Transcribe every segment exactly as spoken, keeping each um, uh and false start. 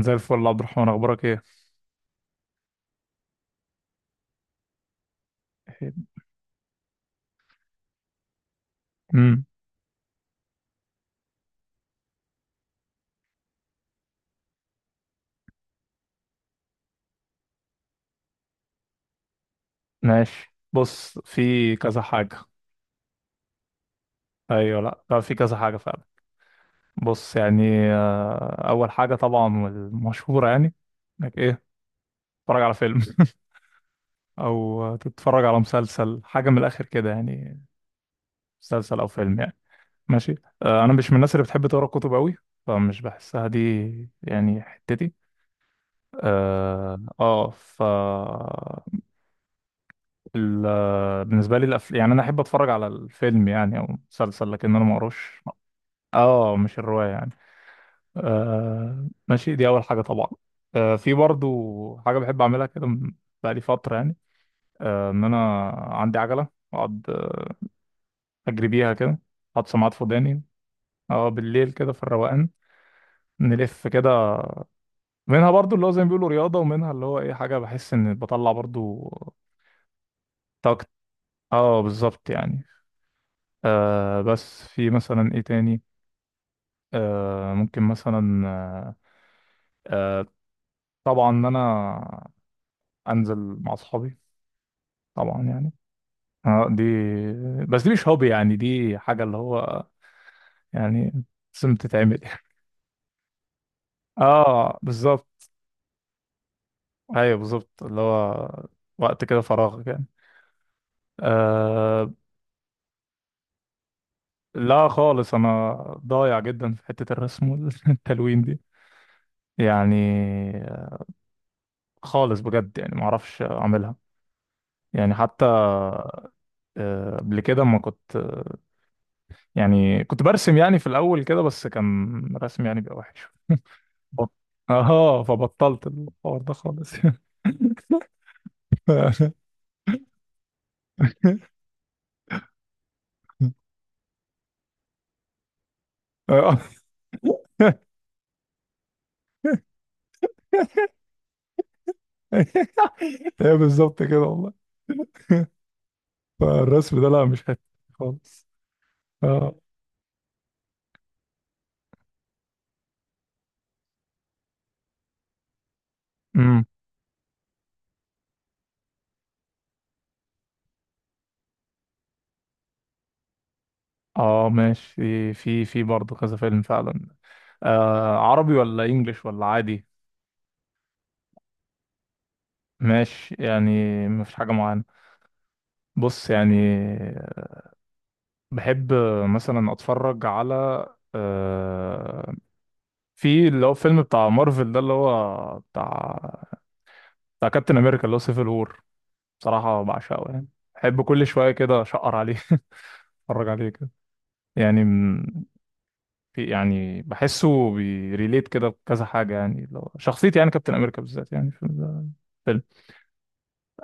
زي الفل يا عبد الرحمن، اخبارك ايه؟ امم ماشي، بص في كذا حاجه. ايوه، لا لا في كذا حاجه فعلا. بص يعني آه، اول حاجه طبعا والمشهوره يعني انك ايه تتفرج على فيلم او تتفرج على مسلسل، حاجه من الاخر كده يعني، مسلسل او فيلم يعني. ماشي. آه، انا مش من الناس اللي بتحب تقرا كتب قوي، فمش بحسها دي يعني حتتي. اه آه، ف ال- آه، بالنسبه لي الأف... يعني انا احب اتفرج على الفيلم يعني او مسلسل، لكن انا ما اقراش. اه مش الروايه يعني. آه ماشي، دي اول حاجه طبعا. آه في برضو حاجه بحب اعملها كده من- بقالي فتره يعني، آه ان انا عندي عجله، اقعد آه، اجري بيها كده، احط سماعات في وداني، اه بالليل كده في الروقان، نلف كده. منها برضو اللي هو زي ما بيقولوا رياضه، ومنها اللي هو ايه، حاجه بحس ان بطلع برضو طاقه. اه بالظبط يعني. آه بس في مثلا ايه تاني، آه، ممكن مثلا آه، آه، طبعا ان انا انزل مع اصحابي طبعا يعني. آه، دي، بس دي مش هوبي يعني، دي حاجه اللي هو يعني لازم تتعمل. اه بالظبط. ايوه بالظبط، اللي هو وقت كده فراغك يعني. آه. لا خالص، انا ضايع جدا في حته الرسم والتلوين دي يعني، خالص بجد يعني ما اعرفش اعملها يعني. حتى آه، قبل كده ما كنت يعني، كنت برسم يعني في الأول كده، بس كان رسم يعني بيبقى وحش. بط- اه فبطلت الحوار ده خالص. آه. هي بالظبط كده والله. فالرسم ده لا، مش حتة خالص. اه. امم اه ماشي، في في برضه كذا فيلم فعلا. آه، عربي ولا انجليش ولا عادي؟ ماشي يعني. مفيش حاجة معينة. بص يعني، بحب مثلا اتفرج على آه، في اللي هو فيلم بتاع مارفل ده، اللي هو بتاع بتاع كابتن امريكا، اللي هو سيفل وور. بصراحة بعشقه يعني، بحب كل شوية كده اشقر عليه اتفرج عليه كده يعني. م- في يعني بحسه بيريليت كده بكذا حاجة يعني، لو شخصيتي يعني كابتن امريكا بالذات يعني في الفيلم.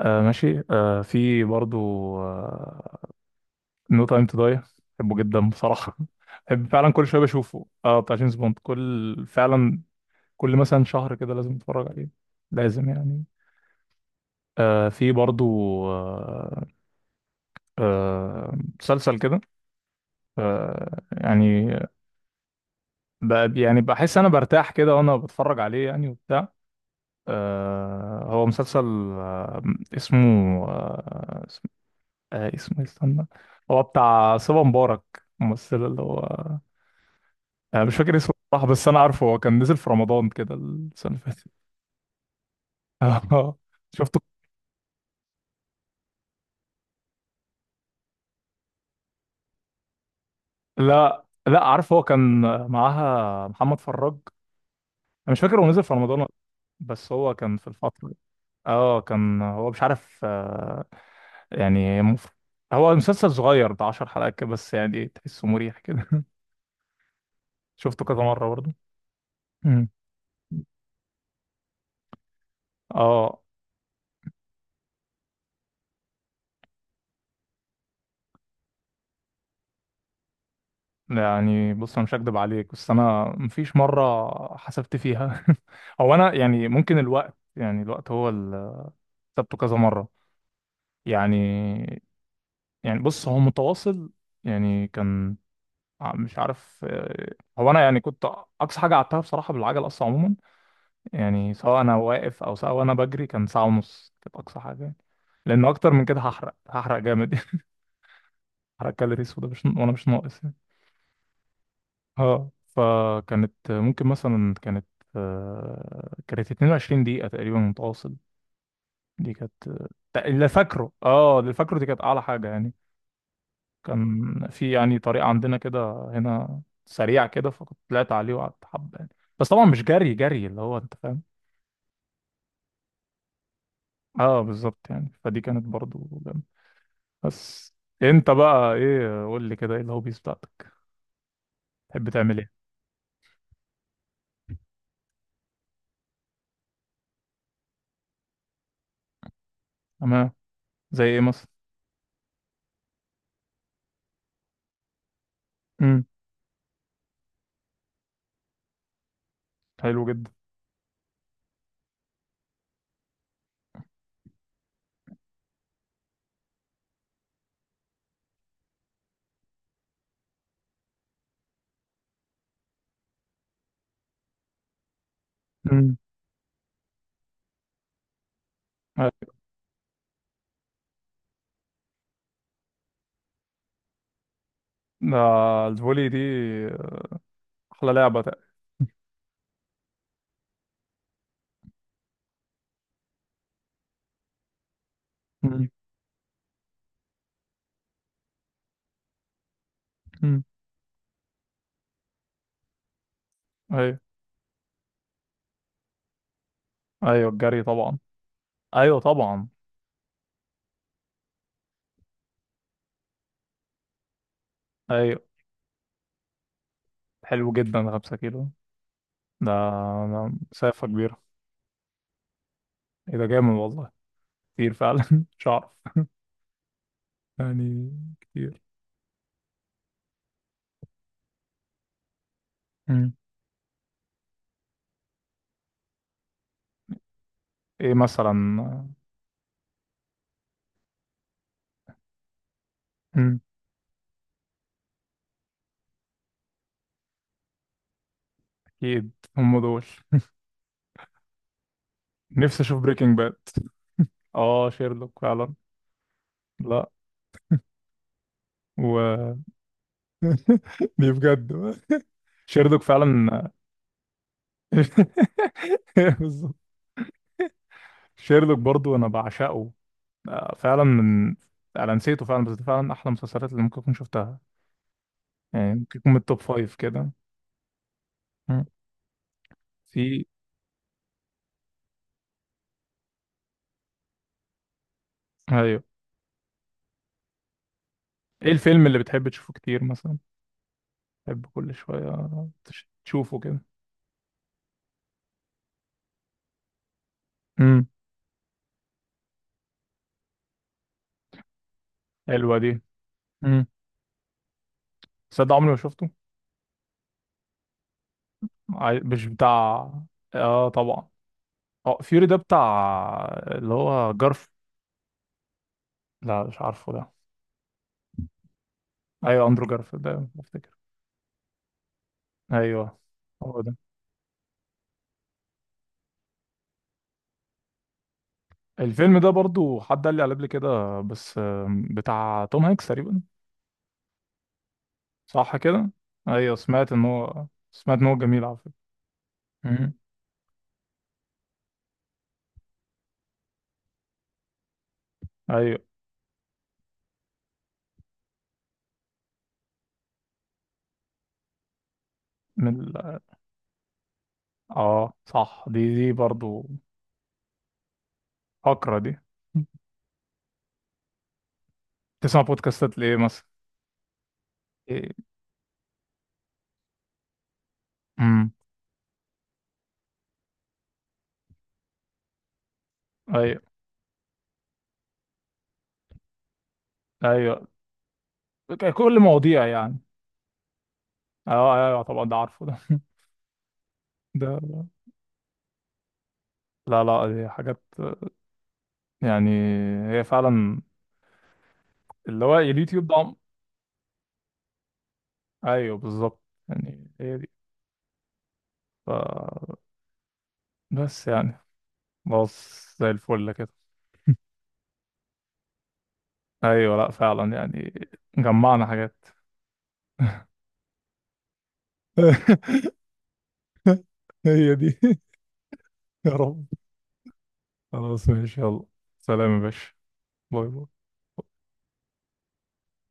آه ماشي. آه في برضو آه نو تايم تو داي، بحبه جدا بصراحة. بحب فعلا كل شوية بشوفه، اه بتاع جيمس بوند. كل فعلا كل مثلا شهر كده لازم اتفرج عليه، لازم يعني. آه في برضو آه آه مسلسل كده آه يعني، ب- يعني بحس انا برتاح كده وانا بتفرج عليه يعني وبتاع. آه هو مسلسل، آه اسمه آه اسم- آه اسمه إيه، استنى. هو بتاع صبا مبارك، الممثل اللي هو آه مش فاكر اسمه صح، بس انا عارفه هو كان نزل في رمضان كده السنة اللي فاتت. آه، شفت. لا لا، عارف هو كان معاها محمد فراج. انا مش فاكر هو نزل في رمضان ولا لأ، بس هو كان في الفترة دي. اه كان هو مش عارف آه، يعني مف... هو مسلسل صغير ده، 10 حلقات كده بس يعني إيه، تحسه مريح كده. شفته كذا مرة برضه. مم. اه. يعني بص انا مش هكدب عليك، بس انا مفيش مرة حسبت فيها. هو انا يعني ممكن الوقت، يعني الوقت هو اللي حسبته كذا مرة يعني. يعني بص هو متواصل يعني. كان ع- مش عارف آه، هو انا يعني كنت. اقصى حاجه قعدتها بصراحه بالعجل اصلا عموما يعني، سواء انا واقف او سواء انا بجري، كان ساعه ونص كانت اقصى حاجه يعني، لان اكتر من كده هحرق هحرق جامد يعني. هحرق كالوريز، وده مش، وانا مش ناقص يعني. اه فكانت ممكن مثلا كانت آه، كانت اثنتين وعشرين دقيقة دقيقه تقريبا متواصل. دي كانت آه، اللي فاكره، اه اللي فاكره دي كانت اعلى حاجه يعني. كان في يعني طريق عندنا كده هنا سريع كده، فكنت طلعت عليه وقعدت حبة يعني، بس طبعا مش جري جري اللي هو انت فاهم. اه بالظبط يعني، فدي كانت برضو جامدة. بس انت بقى ايه، قول لي كده، ايه الهوبيز بتاعتك؟ تحب تعمل ايه؟ تمام. زي ايه مثلا؟ امم، حلو جدا. امم. ده الفولي دي احلى لعبة تقريبا. امم. أمم. ايوه، ايوه الجري طبعا. ايوه طبعا. ايوه حلو جدا، 5 كيلو ده، ده مسافة كبيرة. ايه ده، جامد والله. كتير فعلا مش عارف يعني، كتير. مم. ايه مثلا؟ مم. اكيد. هم دول. نفسي اشوف بريكنج باد. اه شيرلوك فعلا. لا. و. دي بجد. شيرلوك فعلا. بالظبط. شيرلوك برضو انا بعشقه. آه، فعلا من، انا نسيته فعلا، بس ده فعلا احلى مسلسلات اللي ممكن اكون شفتها يعني. ممكن يكون من التوب فايف كده. مم. في. ايوه. ايه الفيلم اللي بتحب تشوفه كتير مثلا؟ بحب كل شوية تش- تشوفه كده. امم. حلوة دي. امم. صدق، عمري ما شفته. عاي- مش بتاع. اه طبعا. اه فيوري ده بتاع اللي هو جارف. لا مش عارفه ده. ايوه اندرو جارف ده بفتكر. ايوه. هو ده الفيلم، ده برضو حد قال لي عليه قبل كده، بس آم، بتاع توم هانكس تقريبا. صح كده. ايوه، سمعت ان هو سمعت ان هو جميل على فكرة. امم. ايوه. من ال... اه صح، دي دي برضو فقرة دي. تسمع بودكاستات لإيه مثلا؟ إيه؟ امم. أيوه، أيوه. ك- كل مواضيع يعني. أه أيوه، أيوة طبعا ده عارفه ده، ده. لا لا، دي حاجات يعني، هي فعلا اللي هو اليوتيوب ده عم- أيوه بالظبط يعني، هي دي، ف... بس يعني، بص زي الفل كده. أيوه لا فعلا يعني، جمعنا حاجات. هي دي. يا رب. خلاص ماشي يلا، سلام يا باشا. باي باي.